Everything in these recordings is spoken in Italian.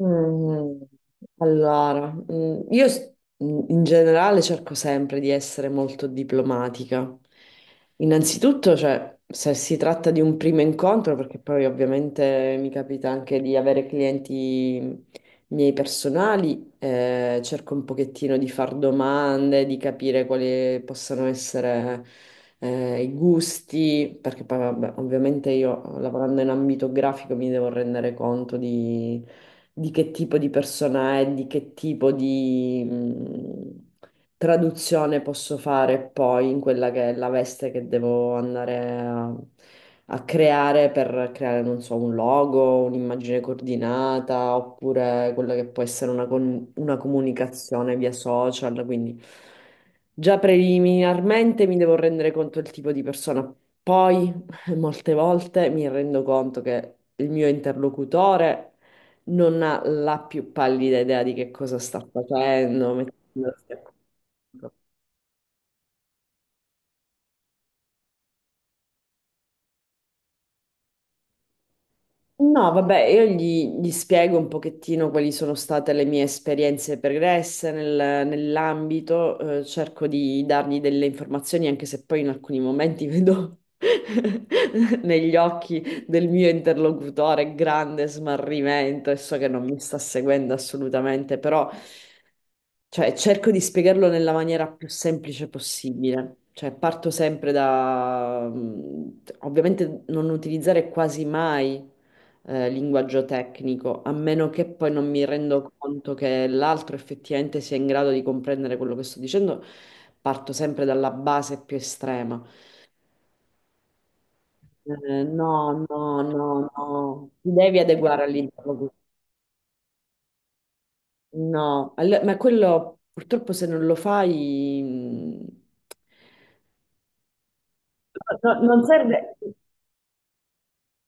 Mm, Allora, in generale cerco sempre di essere molto diplomatica. Innanzitutto, cioè, se si tratta di un primo incontro, perché poi ovviamente mi capita anche di avere clienti miei personali, cerco un pochettino di far domande, di capire quali possano essere, i gusti, perché poi, vabbè, ovviamente io lavorando in ambito grafico mi devo rendere conto di che tipo di persona è, di che tipo di traduzione posso fare poi in quella che è la veste che devo andare a creare per creare, non so, un logo, un'immagine coordinata, oppure quella che può essere una comunicazione via social, quindi già preliminarmente mi devo rendere conto del tipo di persona. Poi molte volte mi rendo conto che il mio interlocutore non ha la più pallida idea di che cosa sta facendo, mettendosi a conto. No, vabbè, io gli spiego un pochettino quali sono state le mie esperienze pregresse nell'ambito, cerco di dargli delle informazioni, anche se poi in alcuni momenti vedo negli occhi del mio interlocutore grande smarrimento e so che non mi sta seguendo assolutamente, però. Cioè, cerco di spiegarlo nella maniera più semplice possibile. Cioè, parto sempre da... ovviamente non utilizzare quasi mai linguaggio tecnico, a meno che poi non mi rendo conto che l'altro effettivamente sia in grado di comprendere quello che sto dicendo. Parto sempre dalla base più estrema. No, no, no, no, ti devi adeguare all'interlocutore. No, ma quello purtroppo se non lo fai... mh, No, no, non serve.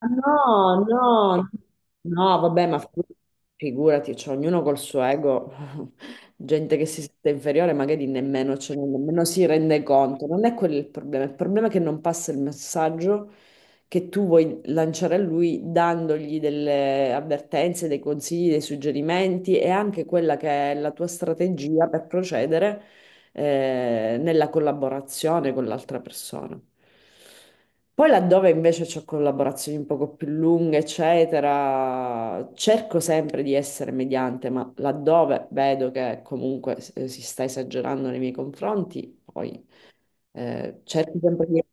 No, no, no, vabbè, figurati, cioè, ognuno col suo ego, gente che si sente inferiore, magari nemmeno, cioè, nemmeno si rende conto. Non è quello il problema. Il problema è che non passa il messaggio che tu vuoi lanciare a lui dandogli delle avvertenze, dei consigli, dei suggerimenti e anche quella che è la tua strategia per procedere nella collaborazione con l'altra persona. Poi laddove invece ho collaborazioni un poco più lunghe, eccetera, cerco sempre di essere mediante, ma laddove vedo che comunque si sta esagerando nei miei confronti, poi cerco sempre di...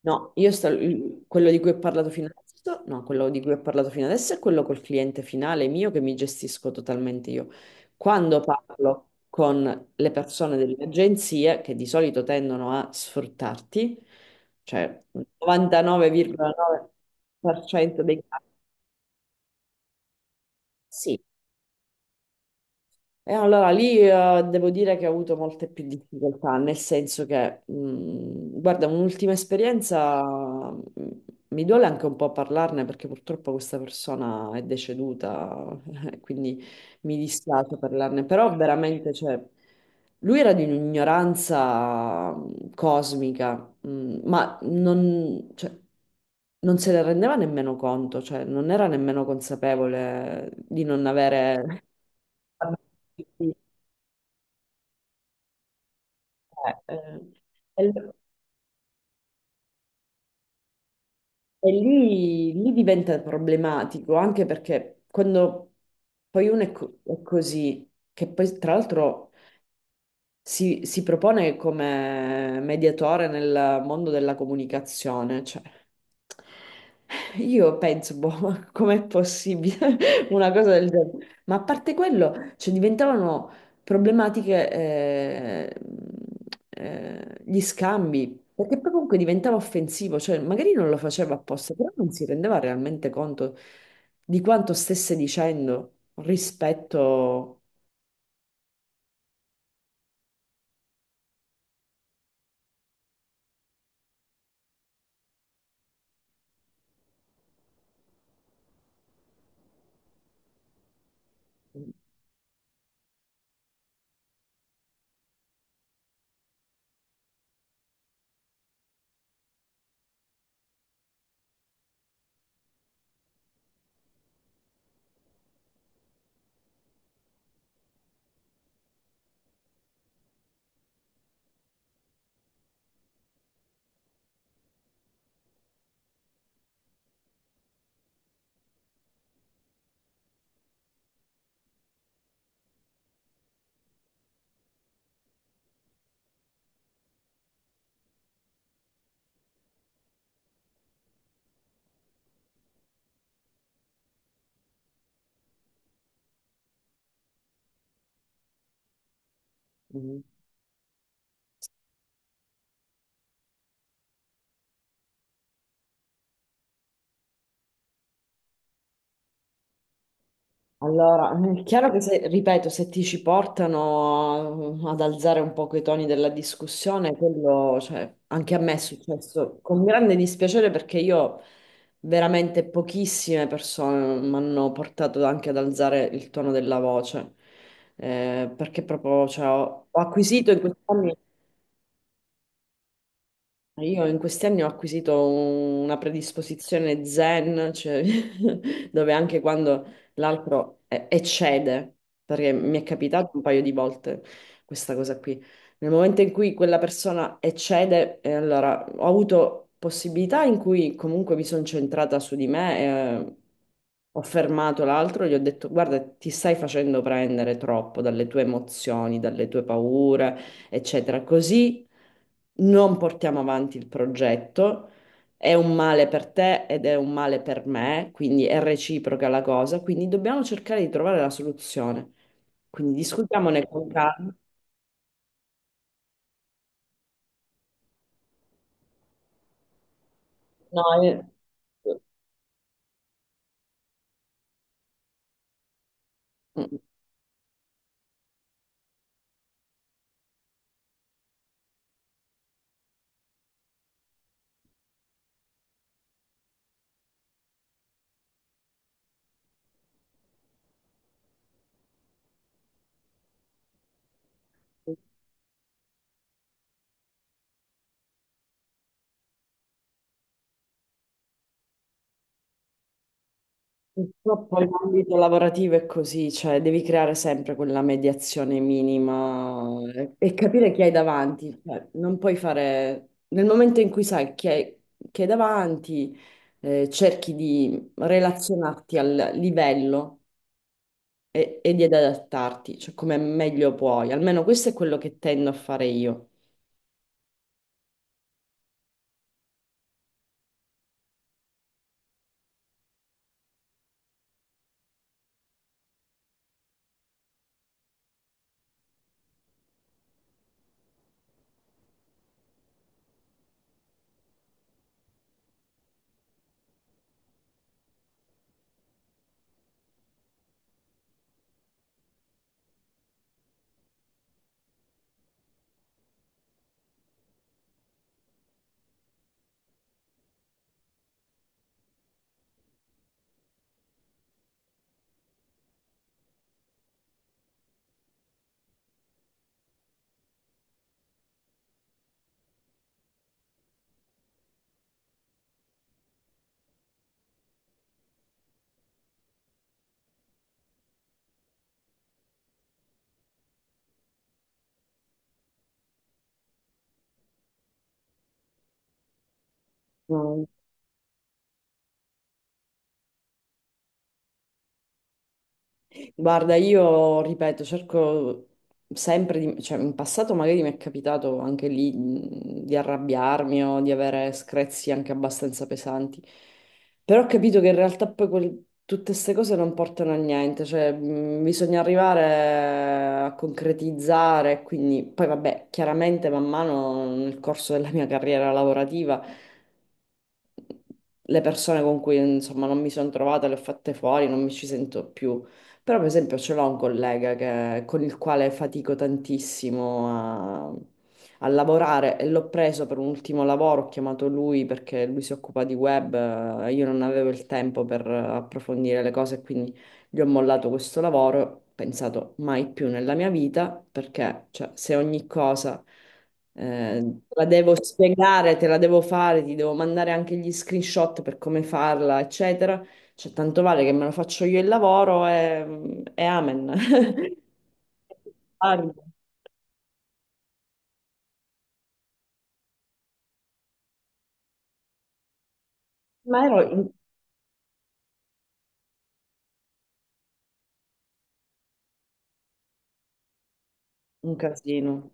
No, io sto, quello di cui ho parlato fino adesso, no, quello di cui ho parlato fino adesso è quello col cliente finale mio che mi gestisco totalmente io. Quando parlo con le persone dell'agenzia, che di solito tendono a sfruttarti, cioè il 99,9% dei casi, sì. E allora lì devo dire che ho avuto molte più difficoltà, nel senso che, guarda, un'ultima esperienza, mi duole anche un po' parlarne perché purtroppo questa persona è deceduta, quindi mi dispiace parlarne, però veramente, cioè, lui era di un'ignoranza cosmica, ma non, cioè, non se ne rendeva nemmeno conto, cioè non era nemmeno consapevole di non avere... Eh, eh, e, e lì diventa problematico anche perché quando poi è così, che poi tra l'altro si propone come mediatore nel mondo della comunicazione, cioè io penso, boh, ma com'è possibile una cosa del genere? Ma a parte quello, cioè, diventavano problematiche gli scambi, perché poi comunque diventava offensivo, cioè magari non lo faceva apposta, però non si rendeva realmente conto di quanto stesse dicendo rispetto... Allora, è chiaro che se, ripeto, se ti ci portano ad alzare un poco i toni della discussione, quello, cioè, anche a me è successo con grande dispiacere perché io veramente pochissime persone mi hanno portato anche ad alzare il tono della voce. Perché proprio, cioè, ho acquisito in questi anni, io in questi anni ho acquisito una predisposizione zen, cioè, dove anche quando l'altro eccede, perché mi è capitato un paio di volte questa cosa qui, nel momento in cui quella persona eccede, allora ho avuto possibilità in cui comunque mi sono centrata su di me, eh, ho fermato l'altro, gli ho detto guarda, ti stai facendo prendere troppo dalle tue emozioni, dalle tue paure, eccetera, così non portiamo avanti il progetto, è un male per te ed è un male per me, quindi è reciproca la cosa, quindi dobbiamo cercare di trovare la soluzione. Quindi discutiamone con calma. No, eh, purtroppo l'ambito lavorativo è così, cioè devi creare sempre quella mediazione minima e capire chi hai davanti. Cioè, non puoi fare... Nel momento in cui chi hai davanti, cerchi di relazionarti al livello e di adattarti, cioè come meglio puoi. Almeno questo è quello che tendo a fare io. Guarda, io ripeto, cerco sempre di... cioè in passato magari mi è capitato anche lì di arrabbiarmi o di avere screzi anche abbastanza pesanti, però ho capito che in realtà poi tutte queste cose non portano a niente, cioè bisogna arrivare a concretizzare, quindi poi vabbè, chiaramente man mano nel corso della mia carriera lavorativa le persone con cui insomma non mi sono trovata le ho fatte fuori, non mi ci sento più. Però, per esempio, ce l'ho un collega con il quale fatico tantissimo a lavorare e l'ho preso per un ultimo lavoro, ho chiamato lui perché lui si occupa di web, io non avevo il tempo per approfondire le cose, quindi gli ho mollato questo lavoro, ho pensato mai più nella mia vita, perché cioè, se ogni cosa te la devo spiegare, te la devo fare, ti devo mandare anche gli screenshot per come farla, eccetera. Cioè, tanto vale che me lo faccio io il lavoro e amen. Ah, Ma ero in- un casino.